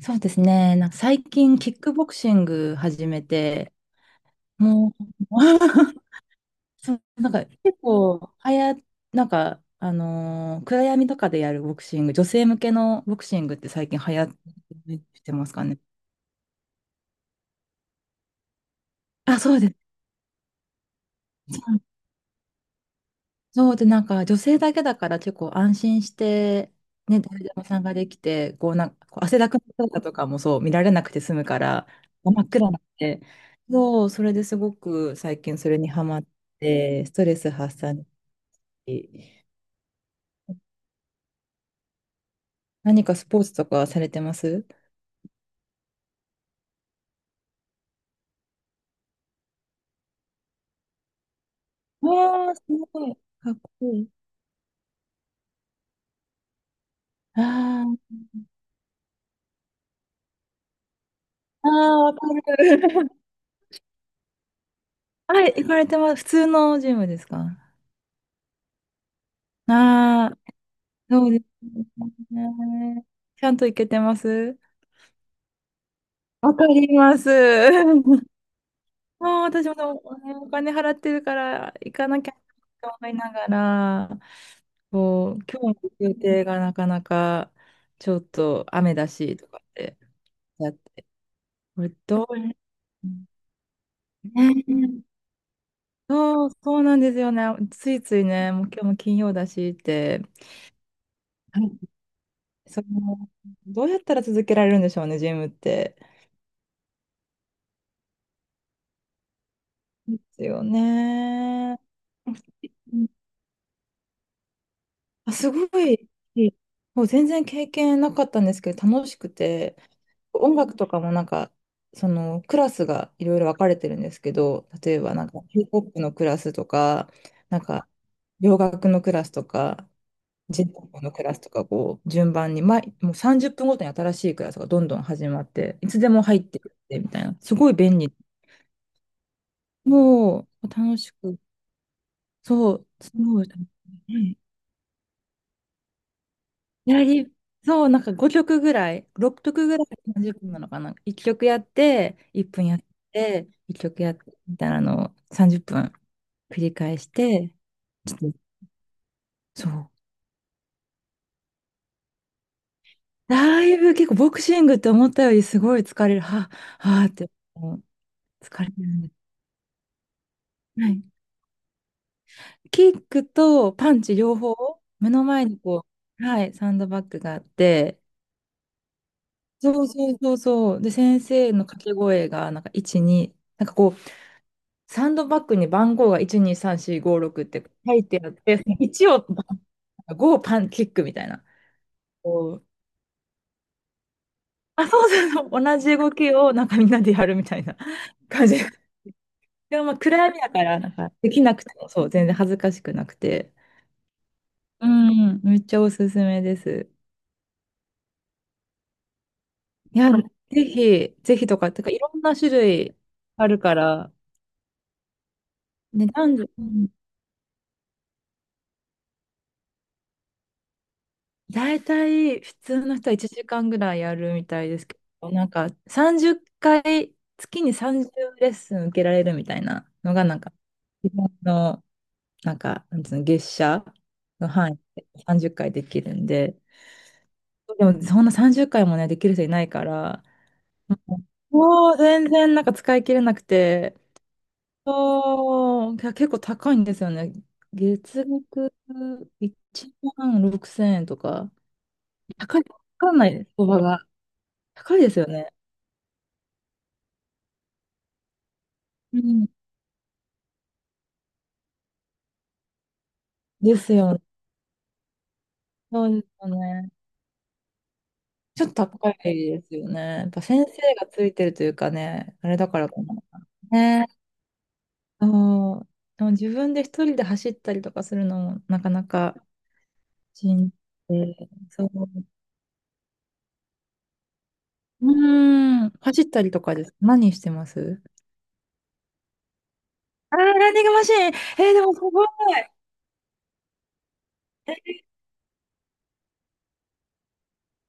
そうですね。なんか最近、キックボクシング始めて、もう、そう、なんか結構、なんか、暗闇とかでやるボクシング、女性向けのボクシングって最近流行ってますかね。あ、そうです。そうで、なんか女性だけだから結構安心して、ね、誰でも参加できて、こうなんかこう汗だくの姿とかもそう見られなくて済むから、真っ暗なんで、そう、それですごく最近それにハマって、ストレス発散に、何かスポーツとかされてます？わあ、すごい。かっこいい。あーあー、わかる。はい、行かれてます。普通のジムですか？ああー、そうですね。ちゃんと行けてます？わかります。もう私もお金払ってるから行かなきゃと思いながら、こう、今日の予定がなかなかちょっと雨だしとかってやって、これどうね、そう、そうなんですよね。ついついね、もう今日も金曜だしって、はい、その、どうやったら続けられるんでしょうね、ジムって。ですよね。あ、すごい、もう全然経験なかったんですけど、楽しくて、音楽とかもなんか、そのクラスがいろいろ分かれてるんですけど、例えばなんかヒップホップのクラスとか、なんか洋楽のクラスとか、ジェンポのクラスとか、こう、順番に、もう30分ごとに新しいクラスがどんどん始まって、いつでも入ってくってみたいな、すごい便利。もう楽しく、そう、すごい。はい、やり、そう、なんか5曲ぐらい、6曲ぐらい30分なのかな。1曲やって、1分やって、1曲やって、みたいなのを30分繰り返して、ちょっと、そう。だいぶ結構ボクシングって思ったよりすごい疲れる。はあ、はあって、もう疲れてるんです。はい。キックとパンチ両方、目の前にこう、はい、サンドバッグがあって、そうそうそうそう。で、先生の掛け声が、なんか1、2、なんかこう、サンドバッグに番号が1、2、3、4、5、6って書いてあって、1を5をパンキックみたいな。こうあ、そうそうそう、同じ動きをなんかみんなでやるみたいな感じ。でもまあ暗闇だから、なんかできなくてもそう、全然恥ずかしくなくて。うん、めっちゃおすすめです。いや、ぜひ、ぜひとか、てかいろんな種類あるから、ね、男女、大体普通の人は1時間ぐらいやるみたいですけど、なんか30回、月に30レッスン受けられるみたいなのが、なんか自分の、なんか、なんつうの、月謝の範囲で30回できるんで、でもそんな30回もね、できる人いないから、もう全然なんか使い切れなくて、そうけ結構高いんですよね。月額1万6000円とか、高い、わかんないです、相場が。高いですよね。うん。ですよね。そうですよね。ちょっと高いですよね。やっぱ先生がついてるというかね、あれだからかな。ね。そう。でも自分で一人で走ったりとかするのもなかなかしんどい。そう。うーん。走ったりとかです？何してます？あー、ランニングマシーン。えー、でもすごい。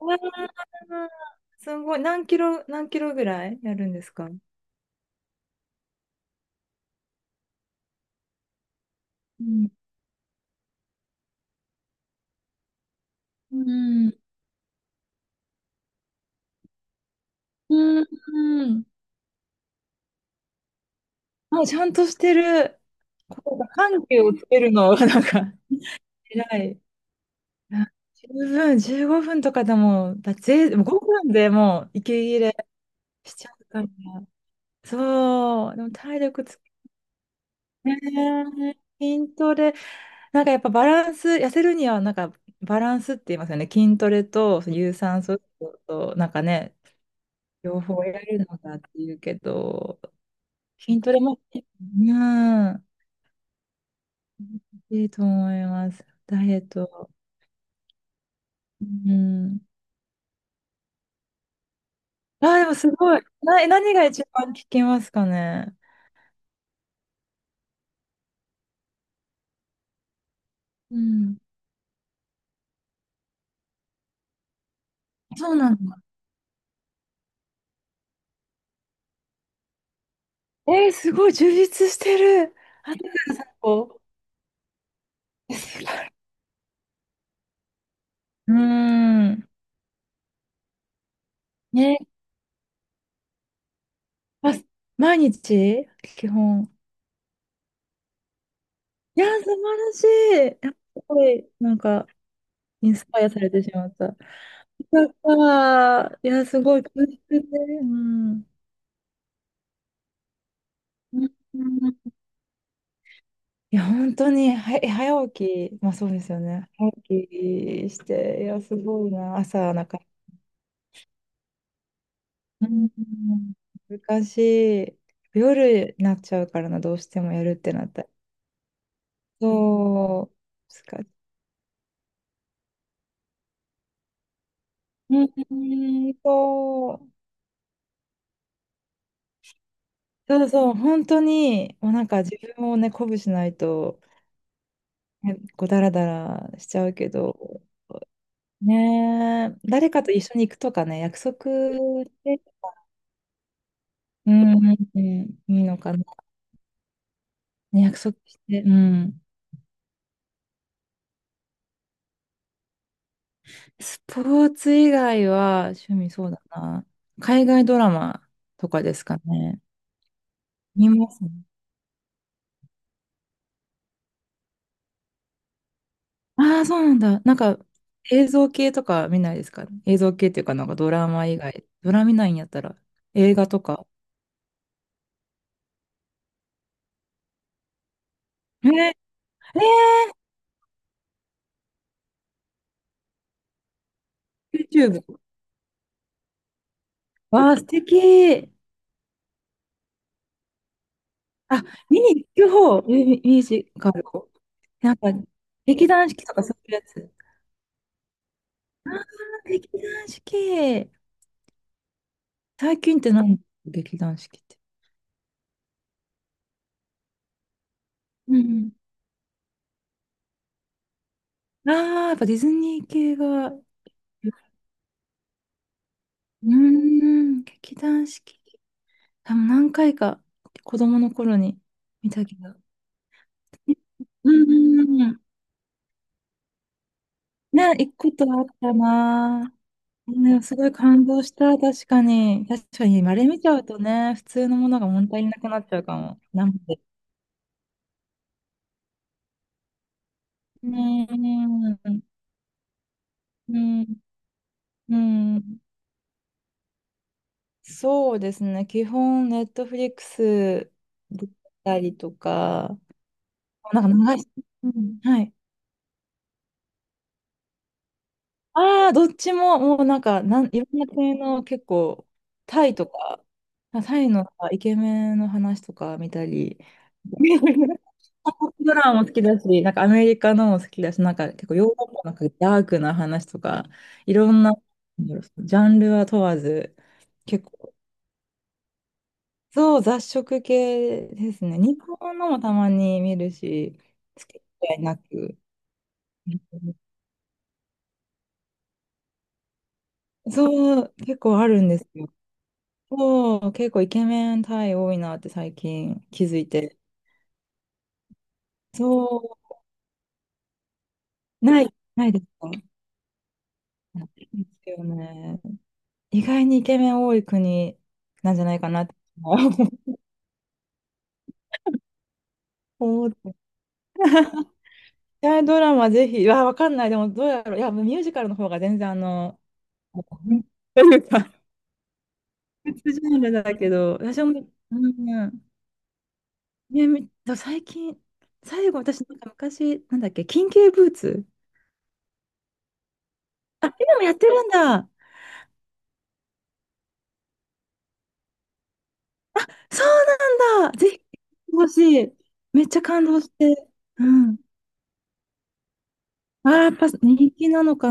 うわーすごい。何キロぐらいやるんですか？うん。うん。うん。あ、ちゃんとしてる。こう緩急をつけるのがなんか偉い。あ十分、15分とかでも、5分でもう息切れしちゃうから。そう、でも体力つけ、ねえ、筋トレ、なんかやっぱバランス、痩せるにはなんかバランスって言いますよね。筋トレと有酸素運動と、なんかね、両方やるのかっていうけど、筋トレも、うん、いいと思います。ダイエット。うん。あでもすごい。何が一番聞きますかね。うん。そうなんだ。えー、すごい充実してる。お、すごい。うん。ね。ま毎日基本。いや、素晴らしい。すごい、なんか、インスパイアされてしまった。よかった。いや、すごい、充実で。うん。うんうん、いや、本当に、早起き、まあそうですよね。早起きして、いや、すごいな。朝、なんか、うん、難しい。夜になっちゃうからな、どうしてもやるってなったら。そう、難しい。うん、そう。そうそう、本当に、もうなんか自分をね、鼓舞しないと、ね、こう、だらだらしちゃうけど、ねえ、誰かと一緒に行くとかね、約束して、うん、うん、うん、いいのかな。ね、約束して、うん。スポーツ以外は趣味そうだな。海外ドラマとかですかね。見ますね。ああ、そうなんだ。なんか映像系とか見ないですか？映像系っていうか、なんかドラマ以外。ドラマ見ないんやったら映画とか。えー、えー、YouTube。わあ、素敵。あ、見に行く方。ミュージカル。なんか劇団四季とかそういうやつ。ああ、劇団四季。最近って何？劇団四季って。うんうん、ああ、やっぱディズニー系が、うーん、劇団四季。多分何回か子供の頃に見たけど。うんうんうん。ね、行くことあったな。ね、すごい感動した、確かに。確かに、あれ見ちゃうとね、普通のものが物足りなくなっちゃうかも。なんで。うん、うん、うん、ん。そうですね、基本、ネットフリックスだったりとか、なんか流し、うん、はい。ああ、どっちも、もうなんか、いろんな国の結構、タイとか、タイのイケメンの話とか見たり、韓国ドラマも好きだし、なんかアメリカのも好きだし、なんか結構ヨーロッパのなんかダークな話とか、いろんな、なんだろうジャンルは問わず、結構、そう、雑食系ですね。日本のもたまに見るし、好き嫌いなく、そう、結構あるんですよ。そう、結構イケメンタイ多いなって最近気づいて。そう、ないですか？ないですよね。意外にイケメン多い国なんじゃないかなって思って。恋愛ドラマぜひ、わかんない。でもどうやろう。いや、ミュージカルの方が全然あの、というか、別ジャンルだけど、私も、うん、ね、最近、最後、私、なんか昔、なんだっけ、緊急ブーツ。あ、今もやってるんだ。そうなんだ。ぜひ、欲しい。めっちゃ感動して。うん。ああ、やっぱ人気なのか。